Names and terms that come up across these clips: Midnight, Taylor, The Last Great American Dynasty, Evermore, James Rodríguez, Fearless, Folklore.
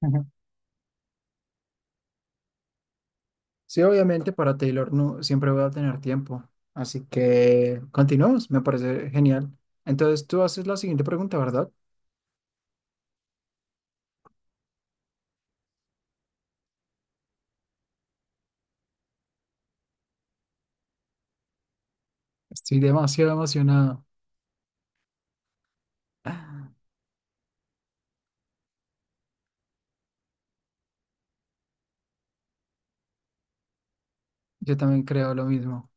Ujú. Sí, obviamente para Taylor no siempre voy a tener tiempo, así que continuamos, me parece genial. Entonces tú haces la siguiente pregunta, ¿verdad? Estoy demasiado emocionado. Yo también creo lo mismo.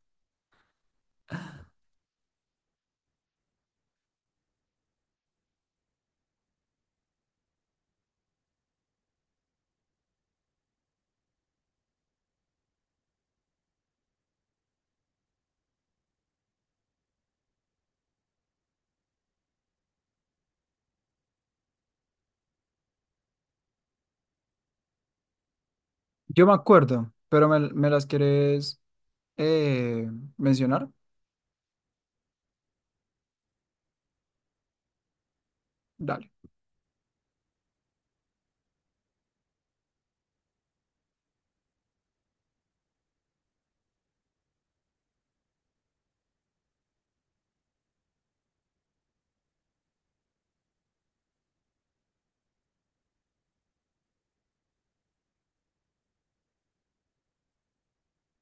Yo me acuerdo, pero me las quieres eh, mencionar. Dale.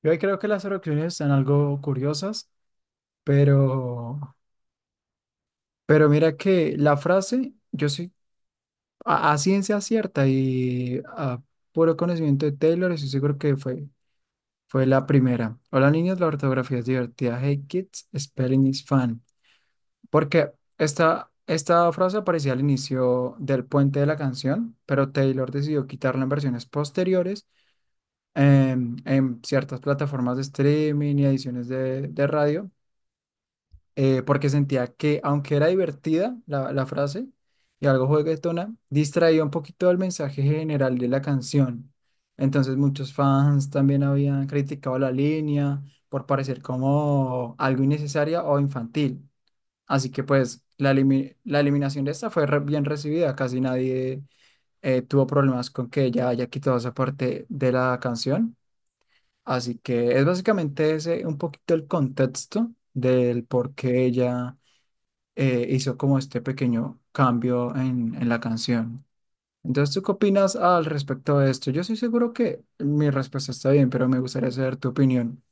Yo ahí creo que las oraciones están algo curiosas, pero, mira que la frase, yo soy a ciencia cierta y a puro conocimiento de Taylor, estoy seguro que fue. Fue la primera. Hola niños, la ortografía es divertida. Hey kids, spelling is fun. Porque esta frase aparecía al inicio del puente de la canción, pero Taylor decidió quitarla en versiones posteriores, en ciertas plataformas de streaming y ediciones de radio, porque sentía que, aunque era divertida la frase y algo juguetona, distraía un poquito el mensaje general de la canción. Entonces muchos fans también habían criticado la línea por parecer como algo innecesaria o infantil. Así que pues la eliminación de esta fue bien recibida, casi nadie tuvo problemas con que ella haya quitado esa parte de la canción. Así que es básicamente ese un poquito el contexto del por qué ella hizo como este pequeño cambio en la canción. Entonces, ¿tú qué opinas al respecto de esto? Yo estoy seguro que mi respuesta está bien, pero me gustaría saber tu opinión.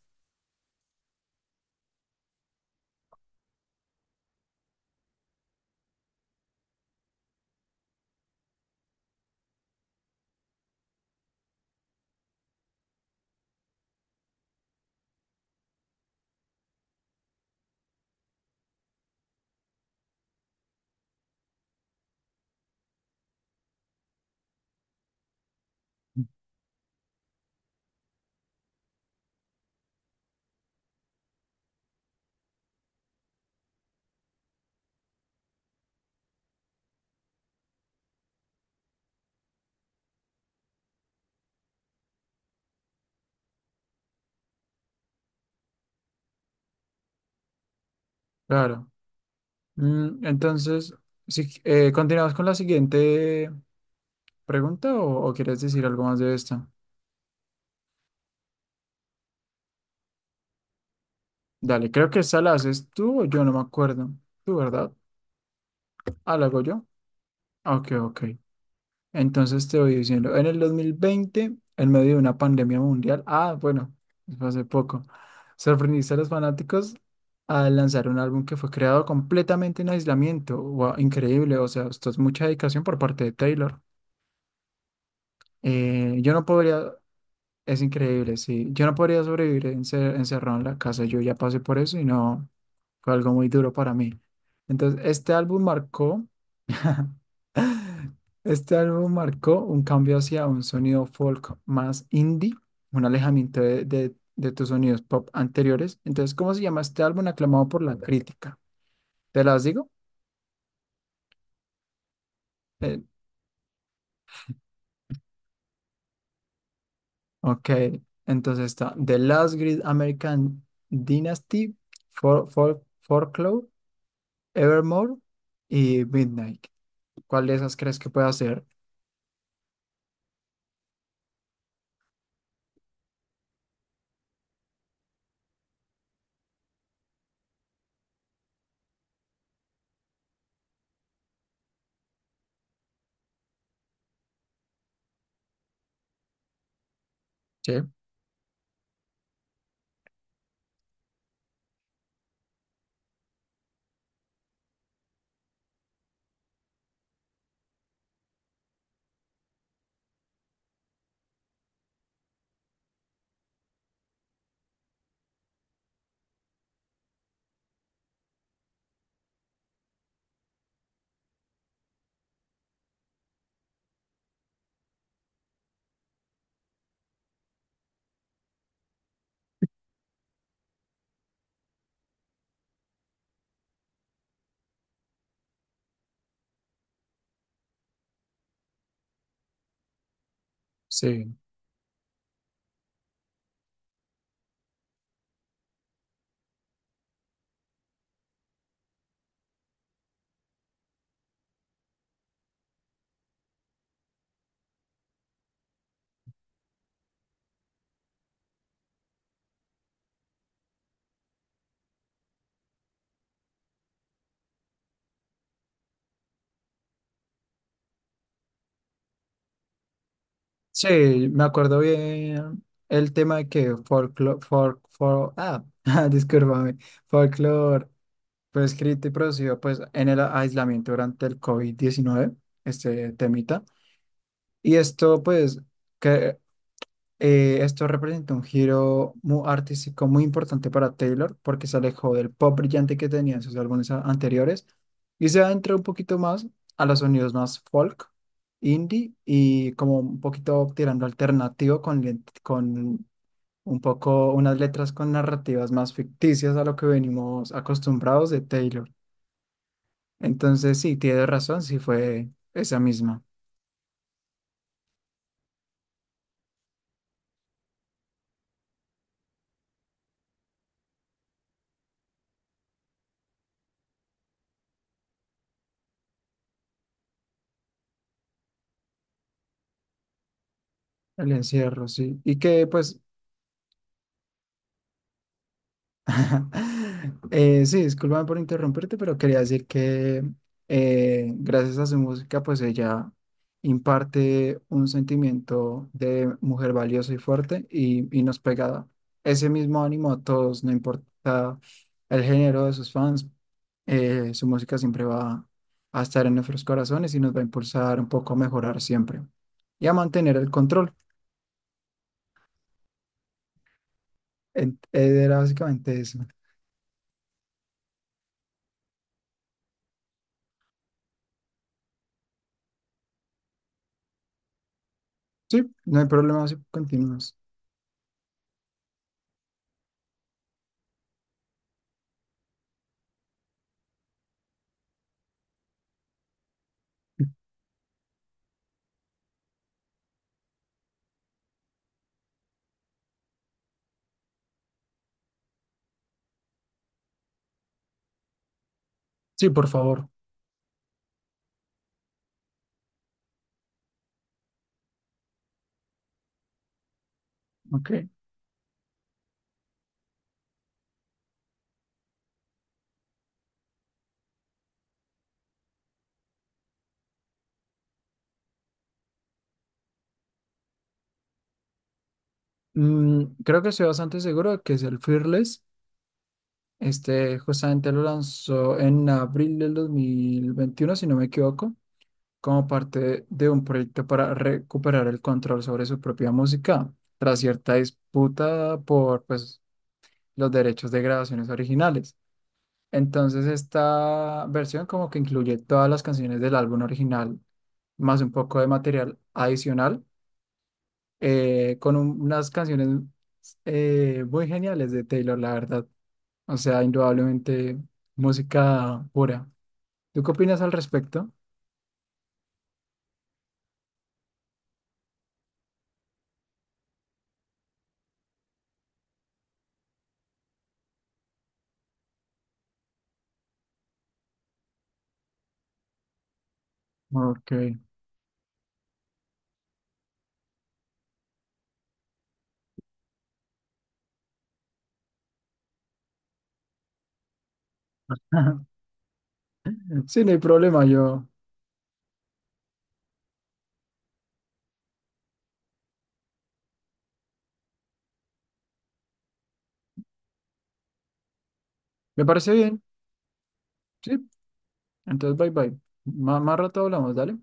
Claro. Entonces, si, ¿continuamos con la siguiente pregunta o quieres decir algo más de esta? Dale, creo que esa la haces tú o yo no me acuerdo. ¿Tú, verdad? Ah, la hago yo. Ok, ok. Entonces te voy diciendo, en el 2020, en medio de una pandemia mundial, ah, bueno, fue hace poco, sorprendiste a los fanáticos al lanzar un álbum que fue creado completamente en aislamiento. Wow, increíble, o sea, esto es mucha dedicación por parte de Taylor. Yo no podría, es increíble, sí, yo no podría sobrevivir encerrado en la casa, yo ya pasé por eso y no, fue algo muy duro para mí. Entonces, este álbum marcó un cambio hacia un sonido folk más indie, un alejamiento de tus sonidos pop anteriores. Entonces, ¿cómo se llama este álbum aclamado por la crítica? ¿Te las digo? Eh, ok, entonces está The Last Great American Dynasty, Folklore, Evermore y Midnight. ¿Cuál de esas crees que pueda ser? Sí, sí. Sí, me acuerdo bien el tema de que folklore, discúlpame, folklore fue escrito y producido pues en el aislamiento durante el COVID-19, este temita. Y esto pues que esto representó un giro muy artístico muy importante para Taylor porque se alejó del pop brillante que tenía en sus álbumes anteriores y se adentró un poquito más a los sonidos más folk, indie y como un poquito tirando alternativo con, con un poco unas letras con narrativas más ficticias a lo que venimos acostumbrados de Taylor. Entonces sí, tiene razón, sí fue esa misma, el encierro, sí. Y que pues. Sí, discúlpame por interrumpirte, pero quería decir que gracias a su música, pues ella imparte un sentimiento de mujer valiosa y fuerte y nos pega ese mismo ánimo a todos, no importa el género de sus fans, su música siempre va a estar en nuestros corazones y nos va a impulsar un poco a mejorar siempre y a mantener el control. Era básicamente eso. Sí, no hay problema si continúas. Sí, por favor. Ok. Creo que estoy bastante seguro de que es el Fearless. Este justamente lo lanzó en abril del 2021, si no me equivoco, como parte de un proyecto para recuperar el control sobre su propia música, tras cierta disputa por pues, los derechos de grabaciones originales. Entonces, esta versión como que incluye todas las canciones del álbum original, más un poco de material adicional, con unas canciones muy geniales de Taylor, la verdad. O sea, indudablemente música pura. ¿Tú qué opinas al respecto? Ok. Sí, no hay problema, yo. Me parece bien. Sí, entonces bye bye. Más rato hablamos, dale.